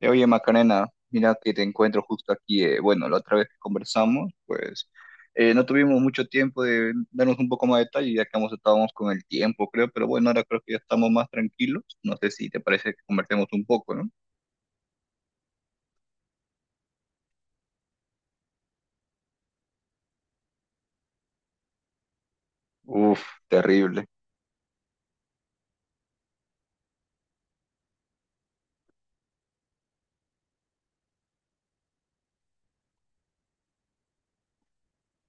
Oye, Macarena, mira que te encuentro justo aquí. Bueno, la otra vez que conversamos, pues no tuvimos mucho tiempo de darnos un poco más de detalle, ya que ambos estábamos con el tiempo, creo, pero bueno, ahora creo que ya estamos más tranquilos. No sé si te parece que conversemos un poco, ¿no? Uf, terrible.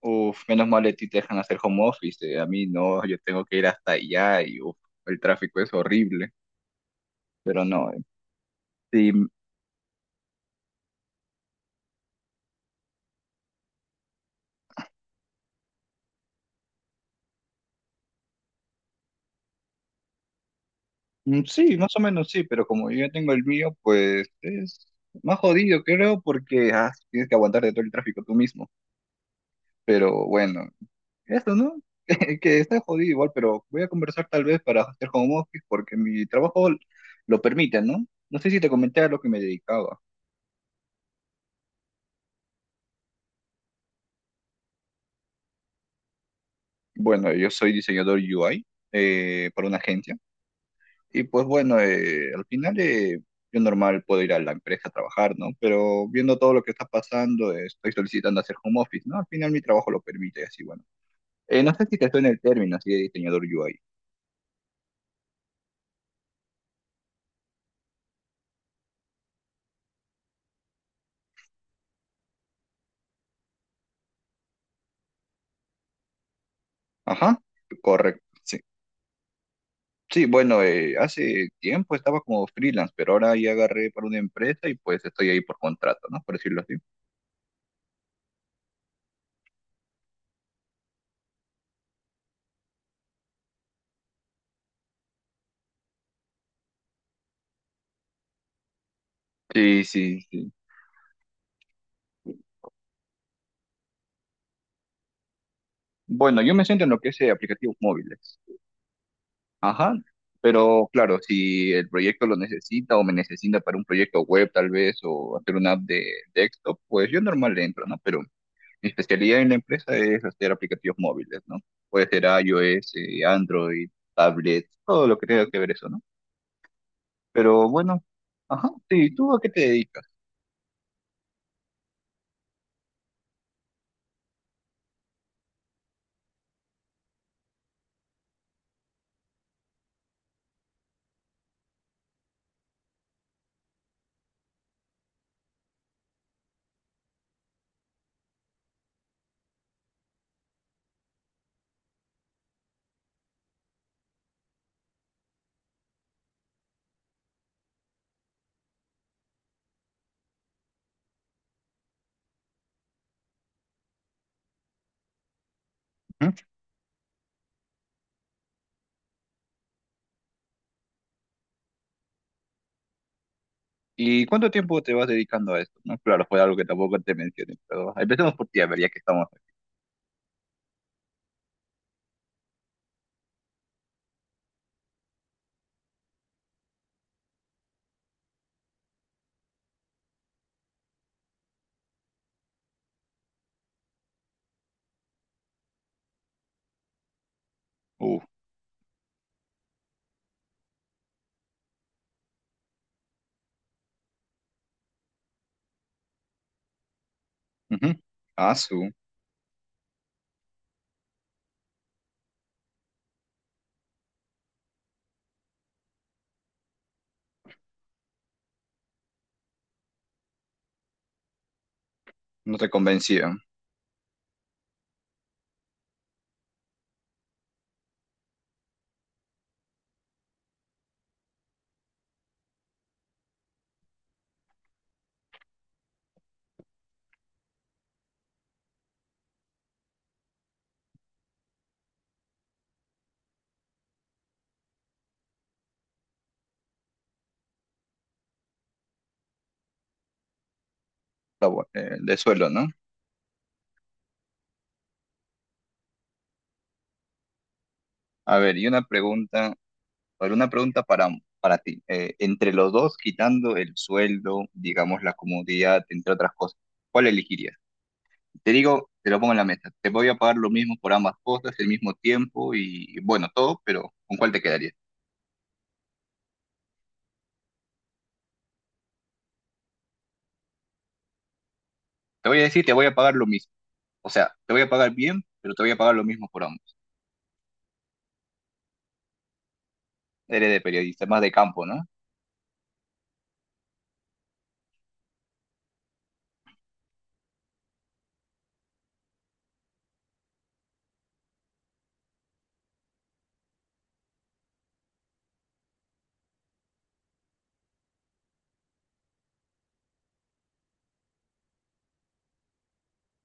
Uf, menos mal a ti te dejan hacer home office, a mí no, yo tengo que ir hasta allá y uf, el tráfico es horrible, pero no, sí. Mm, sí, más o menos sí, pero como yo ya tengo el mío, pues es más jodido, creo, porque tienes que aguantar de todo el tráfico tú mismo. Pero bueno, eso, ¿no? Que está jodido igual, pero voy a conversar tal vez para hacer home office porque mi trabajo lo permite, ¿no? No sé si te comenté a lo que me dedicaba. Bueno, yo soy diseñador UI para una agencia. Y pues bueno, al final yo normal puedo ir a la empresa a trabajar, ¿no? Pero viendo todo lo que está pasando, estoy solicitando hacer home office, ¿no? Al final mi trabajo lo permite, así bueno. No sé si te suena el término así de diseñador UI. Ajá, correcto, sí. Sí, bueno, hace tiempo estaba como freelance, pero ahora ya agarré para una empresa y pues estoy ahí por contrato, ¿no? Por decirlo así. Sí, sí, sí. Bueno, yo me siento en lo que es aplicativos móviles. Ajá, pero claro, si el proyecto lo necesita o me necesita para un proyecto web tal vez o hacer una app de desktop, pues yo normal le entro, ¿no? Pero mi especialidad en la empresa es hacer aplicativos móviles, ¿no? Puede ser iOS, Android, tablet, todo lo que tenga que ver eso, ¿no? Pero bueno, ajá, sí, ¿tú a qué te dedicas? Ujú. ¿Y cuánto tiempo te vas dedicando a esto? ¿No? Claro, fue algo que tampoco te mencioné, pero empecemos por ti, a ver, ya que estamos. Uh, ujú. Ah, su, no te convencía, está de suelo, ¿no? A ver, y una pregunta, a ver, una pregunta para ti. Entre los dos, quitando el sueldo, digamos, la comodidad, entre otras cosas, ¿cuál elegirías? Te digo, te lo pongo en la mesa. Te voy a pagar lo mismo por ambas cosas, el mismo tiempo y, bueno, todo, pero ¿con cuál te quedarías? Te voy a decir, te voy a pagar lo mismo. O sea, te voy a pagar bien, pero te voy a pagar lo mismo por ambos. Eres de periodista, más de campo, ¿no?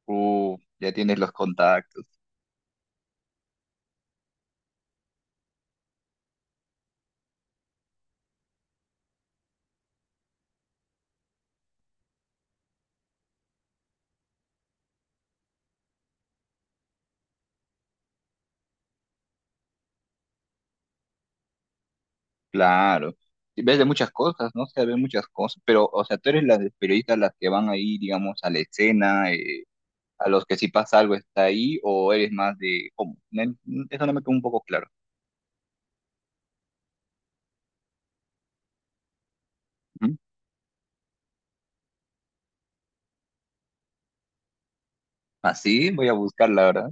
Ya tienes los contactos. Claro. Y ves de muchas cosas, ¿no? O sea, ves muchas cosas, pero, o sea, tú eres las periodistas las que van ahí, digamos, a la escena, a los que si pasa algo está ahí, o eres más de, ¿cómo? Me- eso no me quedó un poco claro. ¿Mm? Así voy a buscar, la verdad.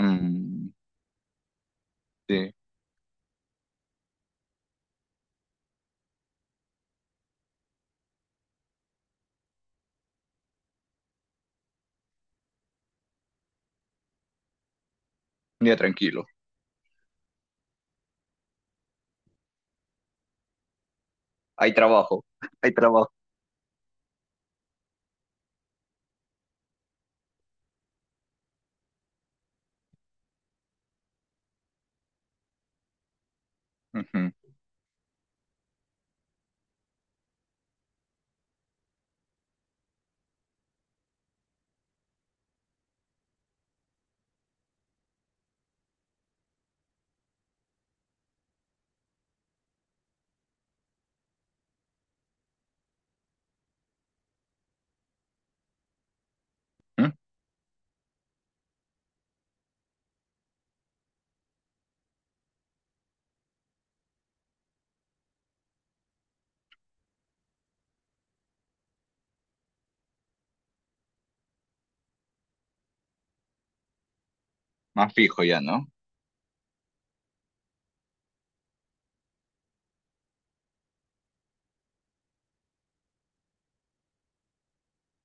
Mm, sí, ya tranquilo. Hay trabajo, hay trabajo. Ujú, ujú. Más fijo ya, ¿no?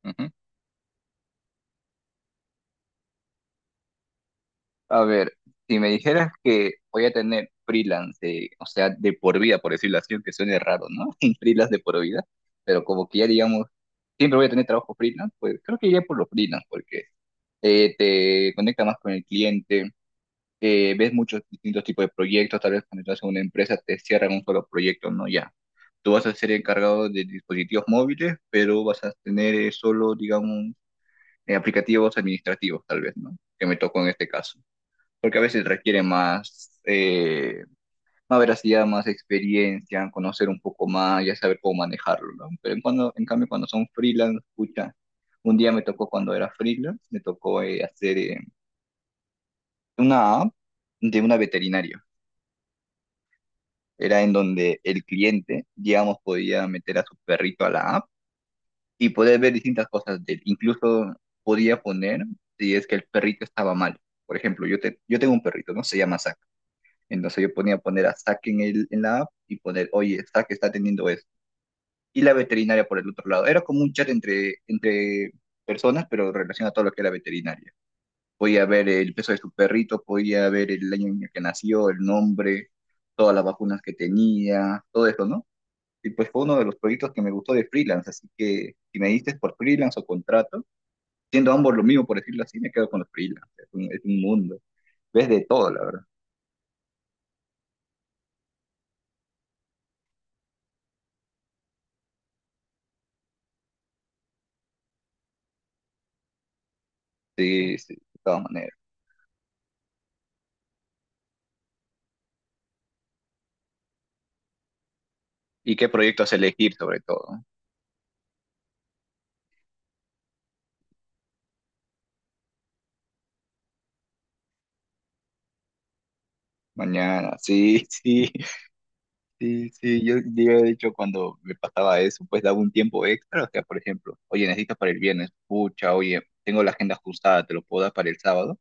Ujú. A ver, si me dijeras que voy a tener freelance, de- o sea, de por vida, por decirlo así, que suene raro, ¿no? Freelance de por vida, pero como que ya digamos, siempre voy a tener trabajo freelance, pues creo que iría por los freelance, porque te conecta más con el cliente, ves muchos distintos tipos de proyectos, tal vez cuando estás en una empresa te cierran un solo proyecto, ¿no? Ya. Tú vas a ser encargado de dispositivos móviles, pero vas a tener solo, digamos, aplicativos administrativos, tal vez, ¿no? Que me tocó en este caso porque a veces requiere más, más veracidad, más experiencia, conocer un poco más, ya saber cómo manejarlo, ¿no? Pero en cambio cuando son freelance, escucha, un día me tocó cuando era freelance, me tocó hacer una app de una veterinaria. Era en donde el cliente, digamos, podía meter a su perrito a la app y poder ver distintas cosas de él. Incluso podía poner si es que el perrito estaba mal. Por ejemplo, yo tengo un perrito, ¿no? Se llama Zack. Entonces yo ponía poner a Zack en, el, en la app y poner, oye, Zack está teniendo esto. Y la veterinaria por el otro lado. Era como un chat entre, entre personas, pero relacionado a todo lo que era veterinaria. Podía ver el peso de su perrito, podía ver el año en el que nació, el nombre, todas las vacunas que tenía, todo eso, ¿no? Y pues fue uno de los proyectos que me gustó de freelance, así que si me diste por freelance o contrato, siendo ambos lo mismo, por decirlo así, me quedo con los freelance. Es un mundo. Ves de todo, la verdad. Sí, sí, de todas maneras. ¿Y qué proyectos elegir sobre todo? ¿No? Mañana, sí, sí, sí, sí. Yo de hecho cuando me pasaba eso, pues daba un tiempo extra. O sea, por ejemplo, oye, necesitas para el viernes, pucha, oye, tengo la agenda ajustada, te lo puedo dar para el sábado.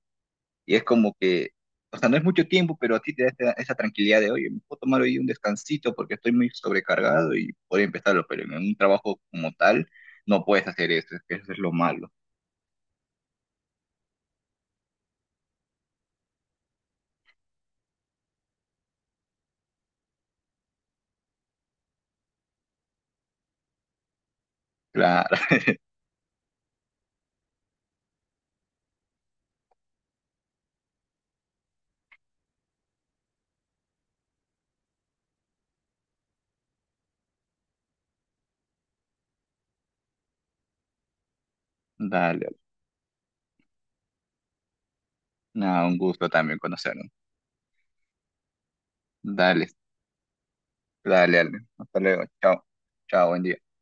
Y es como que, o sea, no es mucho tiempo, pero a ti te da esa, esa tranquilidad de, oye, me puedo tomar hoy un descansito porque estoy muy sobrecargado y puedo empezarlo, pero en un trabajo como tal no puedes hacer eso, es que eso es lo malo. Claro, dale, nada, un gusto también conocernos. Dale. Dale, dale. Hasta luego. Chao. Chao, buen día.